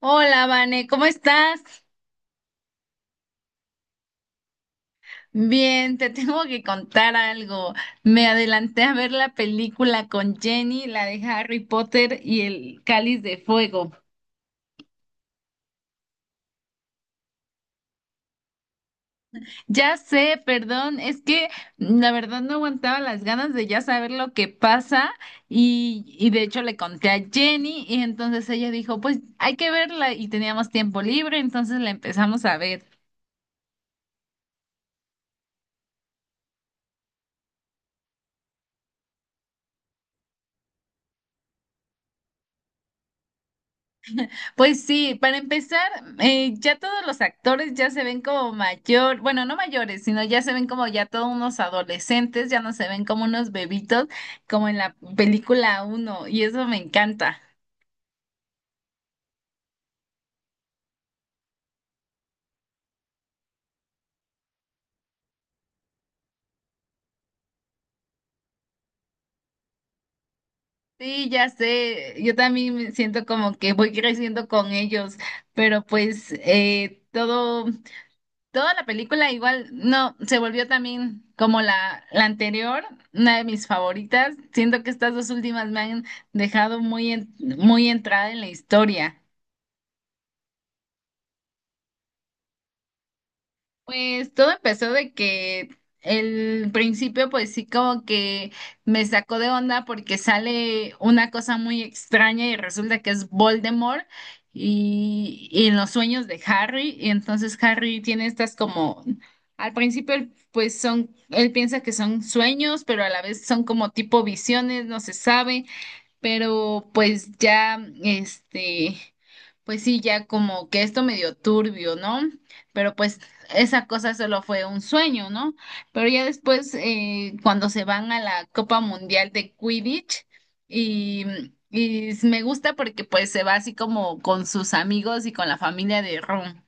Hola, Vane, ¿cómo estás? Bien, te tengo que contar algo. Me adelanté a ver la película con Jenny, la de Harry Potter y el Cáliz de Fuego. Ya sé, perdón, es que la verdad no aguantaba las ganas de ya saber lo que pasa y de hecho le conté a Jenny y entonces ella dijo, pues hay que verla y teníamos tiempo libre, entonces la empezamos a ver. Pues sí, para empezar, ya todos los actores ya se ven como mayor, bueno, no mayores, sino ya se ven como ya todos unos adolescentes, ya no se ven como unos bebitos, como en la película uno y eso me encanta. Sí, ya sé, yo también me siento como que voy creciendo con ellos, pero pues todo. Toda la película igual, no, se volvió también como la anterior, una de mis favoritas. Siento que estas dos últimas me han dejado muy, muy entrada en la historia. Pues todo empezó de que el principio pues sí como que me sacó de onda porque sale una cosa muy extraña y resulta que es Voldemort y en los sueños de Harry y entonces Harry tiene estas como al principio él piensa que son sueños, pero a la vez son como tipo visiones, no se sabe. Pero pues ya, este, pues sí, ya como que esto medio turbio, ¿no? Pero pues esa cosa solo fue un sueño, ¿no? Pero ya después, cuando se van a la Copa Mundial de Quidditch, y, y me gusta porque pues se va así como con sus amigos y con la familia de Ron.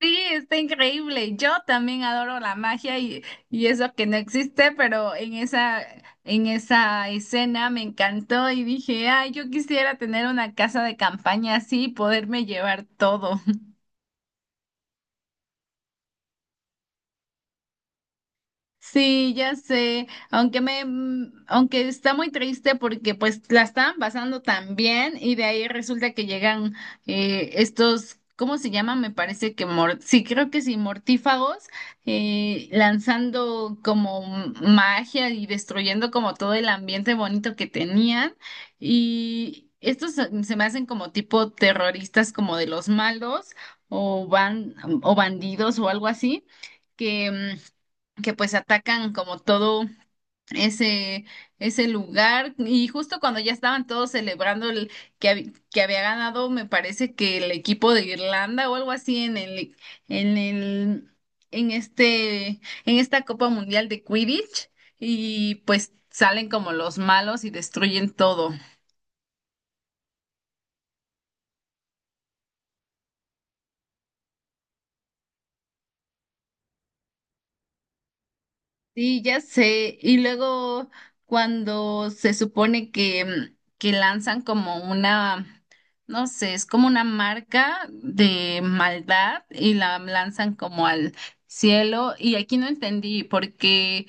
Sí, está increíble. Yo también adoro la magia y eso que no existe, pero en esa escena me encantó y dije, ay, yo quisiera tener una casa de campaña así y poderme llevar todo. Sí, ya sé, aunque me, aunque está muy triste porque pues la estaban pasando tan bien y de ahí resulta que llegan estos, ¿cómo se llaman? Me parece que, mor sí, creo que sí, mortífagos, lanzando como magia y destruyendo como todo el ambiente bonito que tenían y estos se me hacen como tipo terroristas como de los malos, o, ban o bandidos o algo así que... que pues atacan como todo ese, ese lugar y justo cuando ya estaban todos celebrando el, que, que había ganado, me parece que el equipo de Irlanda o algo así en el, en el, en este, en esta Copa Mundial de Quidditch y pues salen como los malos y destruyen todo. Sí, ya sé. Y luego cuando se supone que, que lanzan como una, no sé, es como una marca de maldad y la lanzan como al cielo. Y aquí no entendí por qué,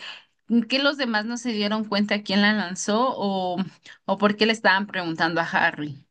que los demás no se dieron cuenta quién la lanzó o por qué le estaban preguntando a Harry.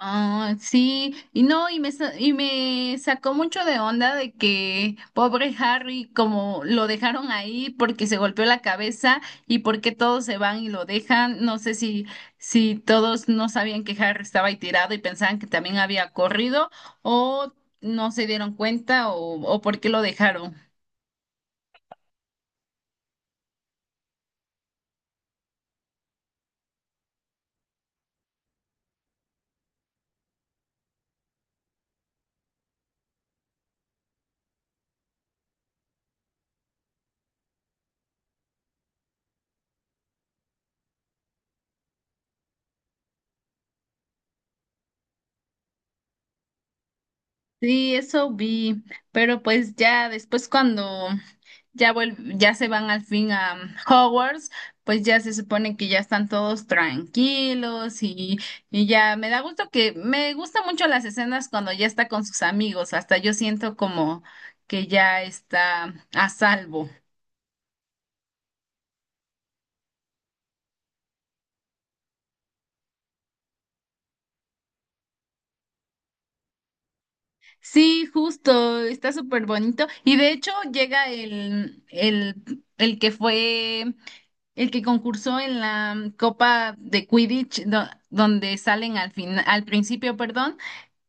Ah, sí, y no, y me, y me sacó mucho de onda de que pobre Harry, como lo dejaron ahí porque se golpeó la cabeza y porque todos se van y lo dejan. No sé si, si todos no sabían que Harry estaba ahí tirado y pensaban que también había corrido o no se dieron cuenta o por qué lo dejaron. Sí, eso vi, pero pues ya después cuando ya se van al fin a Hogwarts, pues ya se supone que ya están todos tranquilos y ya me da gusto que me gustan mucho las escenas cuando ya está con sus amigos, hasta yo siento como que ya está a salvo. Sí, justo, está súper bonito y de hecho llega el que fue... El que concursó en la Copa de Quidditch, donde salen al final, al principio, perdón.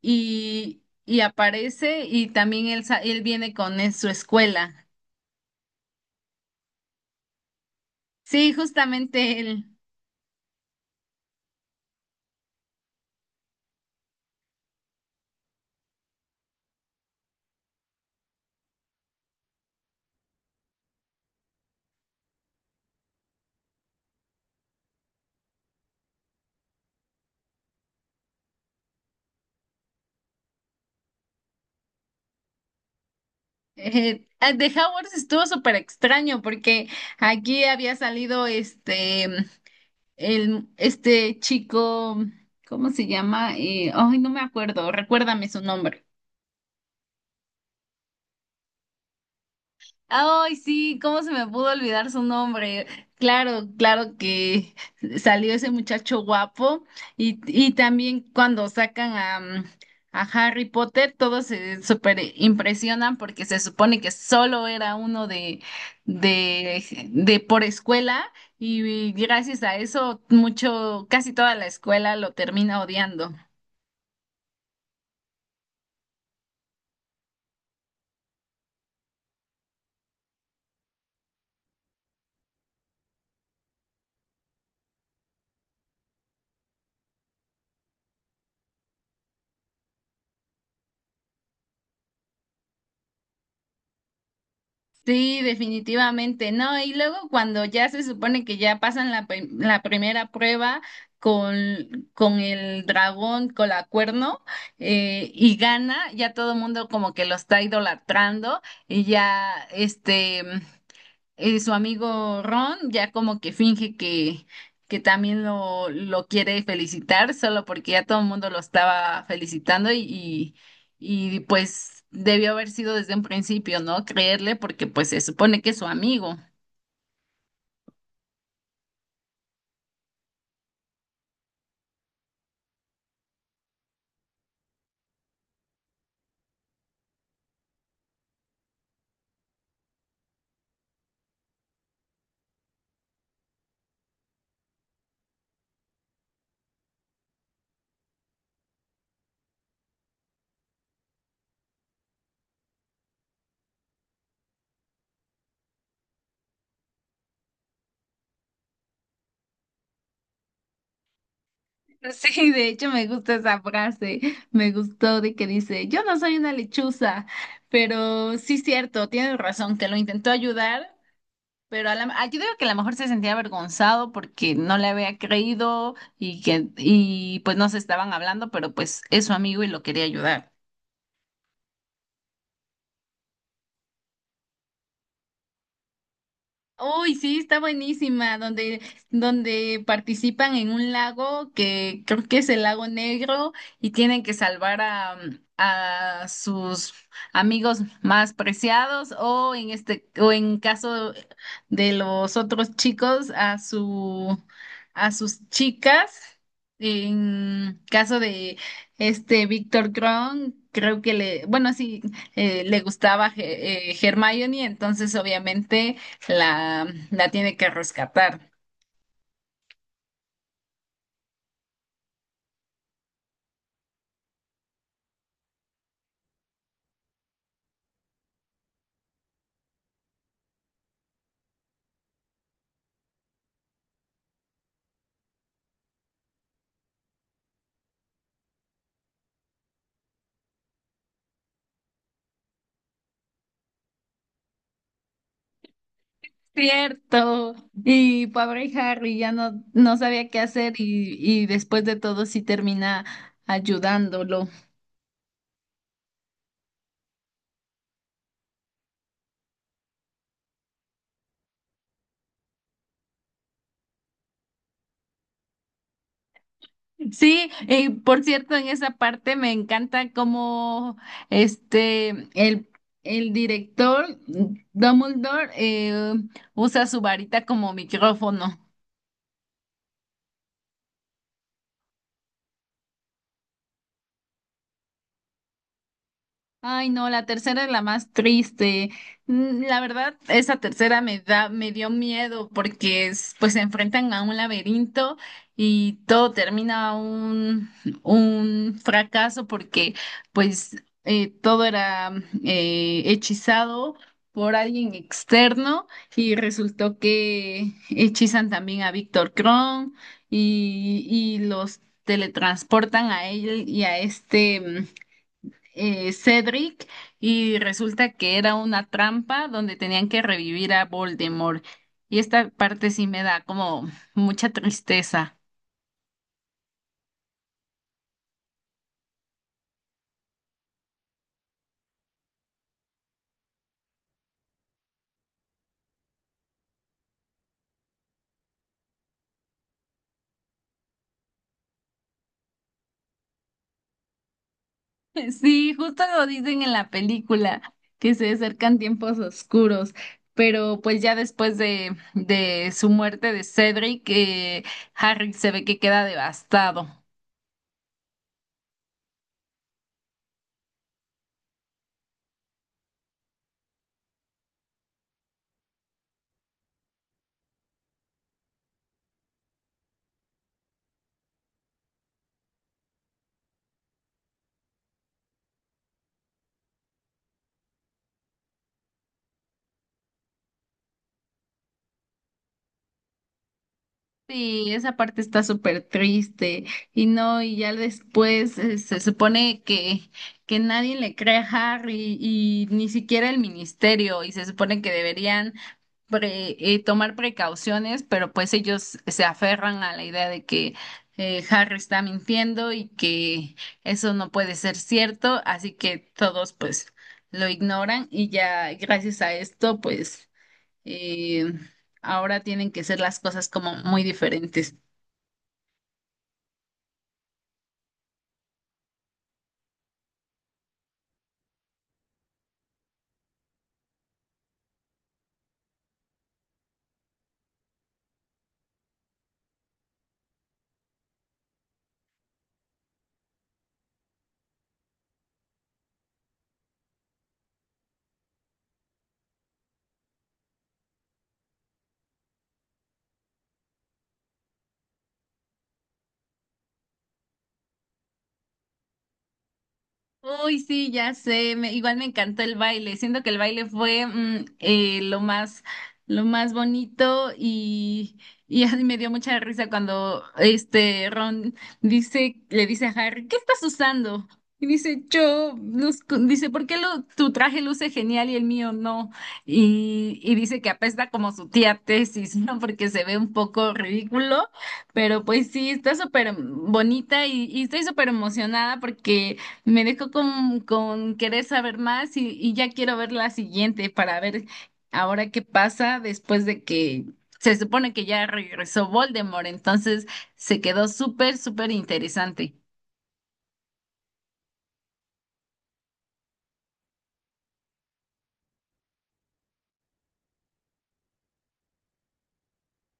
Y, y aparece y también él viene con su escuela. Sí, justamente él. Eh, el de Howard estuvo súper extraño porque aquí había salido este, el, este chico, ¿cómo se llama? Ay, no me acuerdo, recuérdame su nombre. Ay, sí, ¿cómo se me pudo olvidar su nombre? Claro, claro que salió ese muchacho guapo y también cuando sacan a, a Harry Potter, todos se super impresionan porque se supone que solo era uno de por escuela y gracias a eso mucho, casi toda la escuela lo termina odiando. Sí, definitivamente, ¿no? Y luego cuando ya se supone que ya pasan la, la primera prueba con el dragón, con la cuerno, y gana, ya todo el mundo como que lo está idolatrando y ya, este su amigo Ron ya como que finge que también lo quiere felicitar, solo porque ya todo el mundo lo estaba felicitando y, pues debió haber sido desde un principio, ¿no? Creerle porque pues se supone que es su amigo. Sí, de hecho me gusta esa frase, me gustó de que dice, yo no soy una lechuza, pero sí cierto, tienes razón, que lo intentó ayudar. Pero a la, ah, yo digo que a lo mejor se sentía avergonzado porque no le había creído y que, y pues no se estaban hablando, pero pues es su amigo y lo quería ayudar. Uy, sí, está buenísima, donde, donde participan en un lago que creo que es el lago Negro y tienen que salvar a sus amigos más preciados o en este, o en caso de los otros chicos, a su, a sus chicas. En caso de este Víctor Kron, creo que le, bueno, sí, le gustaba Hermione, entonces obviamente la, la tiene que rescatar. Cierto. Y pobre Harry ya no, no sabía qué hacer y después de todo sí termina ayudándolo. Sí, y por cierto, en esa parte me encanta cómo este el, el director Dumbledore, usa su varita como micrófono. Ay, no, la tercera es la más triste. La verdad, esa tercera me da, me dio miedo porque pues se enfrentan a un laberinto y todo termina un fracaso porque pues todo era hechizado por alguien externo y resultó que hechizan también a Víctor Kron y los teletransportan a él y a este... Cedric y resulta que era una trampa donde tenían que revivir a Voldemort. Y esta parte sí me da como mucha tristeza. Sí, justo lo dicen en la película, que se acercan tiempos oscuros, pero pues ya después de su muerte de Cedric, Harry se ve que queda devastado. Sí, esa parte está súper triste y no, y ya después se supone que nadie le cree a Harry y ni siquiera el ministerio y se supone que deberían tomar precauciones, pero pues ellos se aferran a la idea de que Harry está mintiendo y que eso no puede ser cierto, así que todos pues lo ignoran y ya gracias a esto pues, eh, ahora tienen que ser las cosas como muy diferentes. Uy, sí, ya sé, igual me encantó el baile, siento que el baile fue lo más bonito y me dio mucha risa cuando este Ron dice, le dice a Harry, ¿qué estás usando? Y dice, yo, dice, ¿por qué lo, tu traje luce genial y el mío no? Y dice que apesta como su tía Tesis, ¿no? Porque se ve un poco ridículo, pero pues sí, está súper bonita y estoy súper emocionada porque... Me dejó con querer saber más y ya quiero ver la siguiente para ver ahora qué pasa después de que se supone que ya regresó Voldemort, entonces se quedó súper, súper interesante.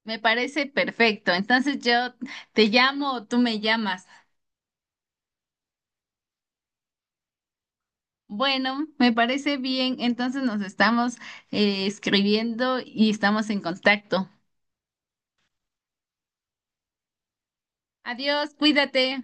Me parece perfecto, entonces yo te llamo o tú me llamas. Bueno, me parece bien, entonces nos estamos, escribiendo y estamos en contacto. Adiós, cuídate.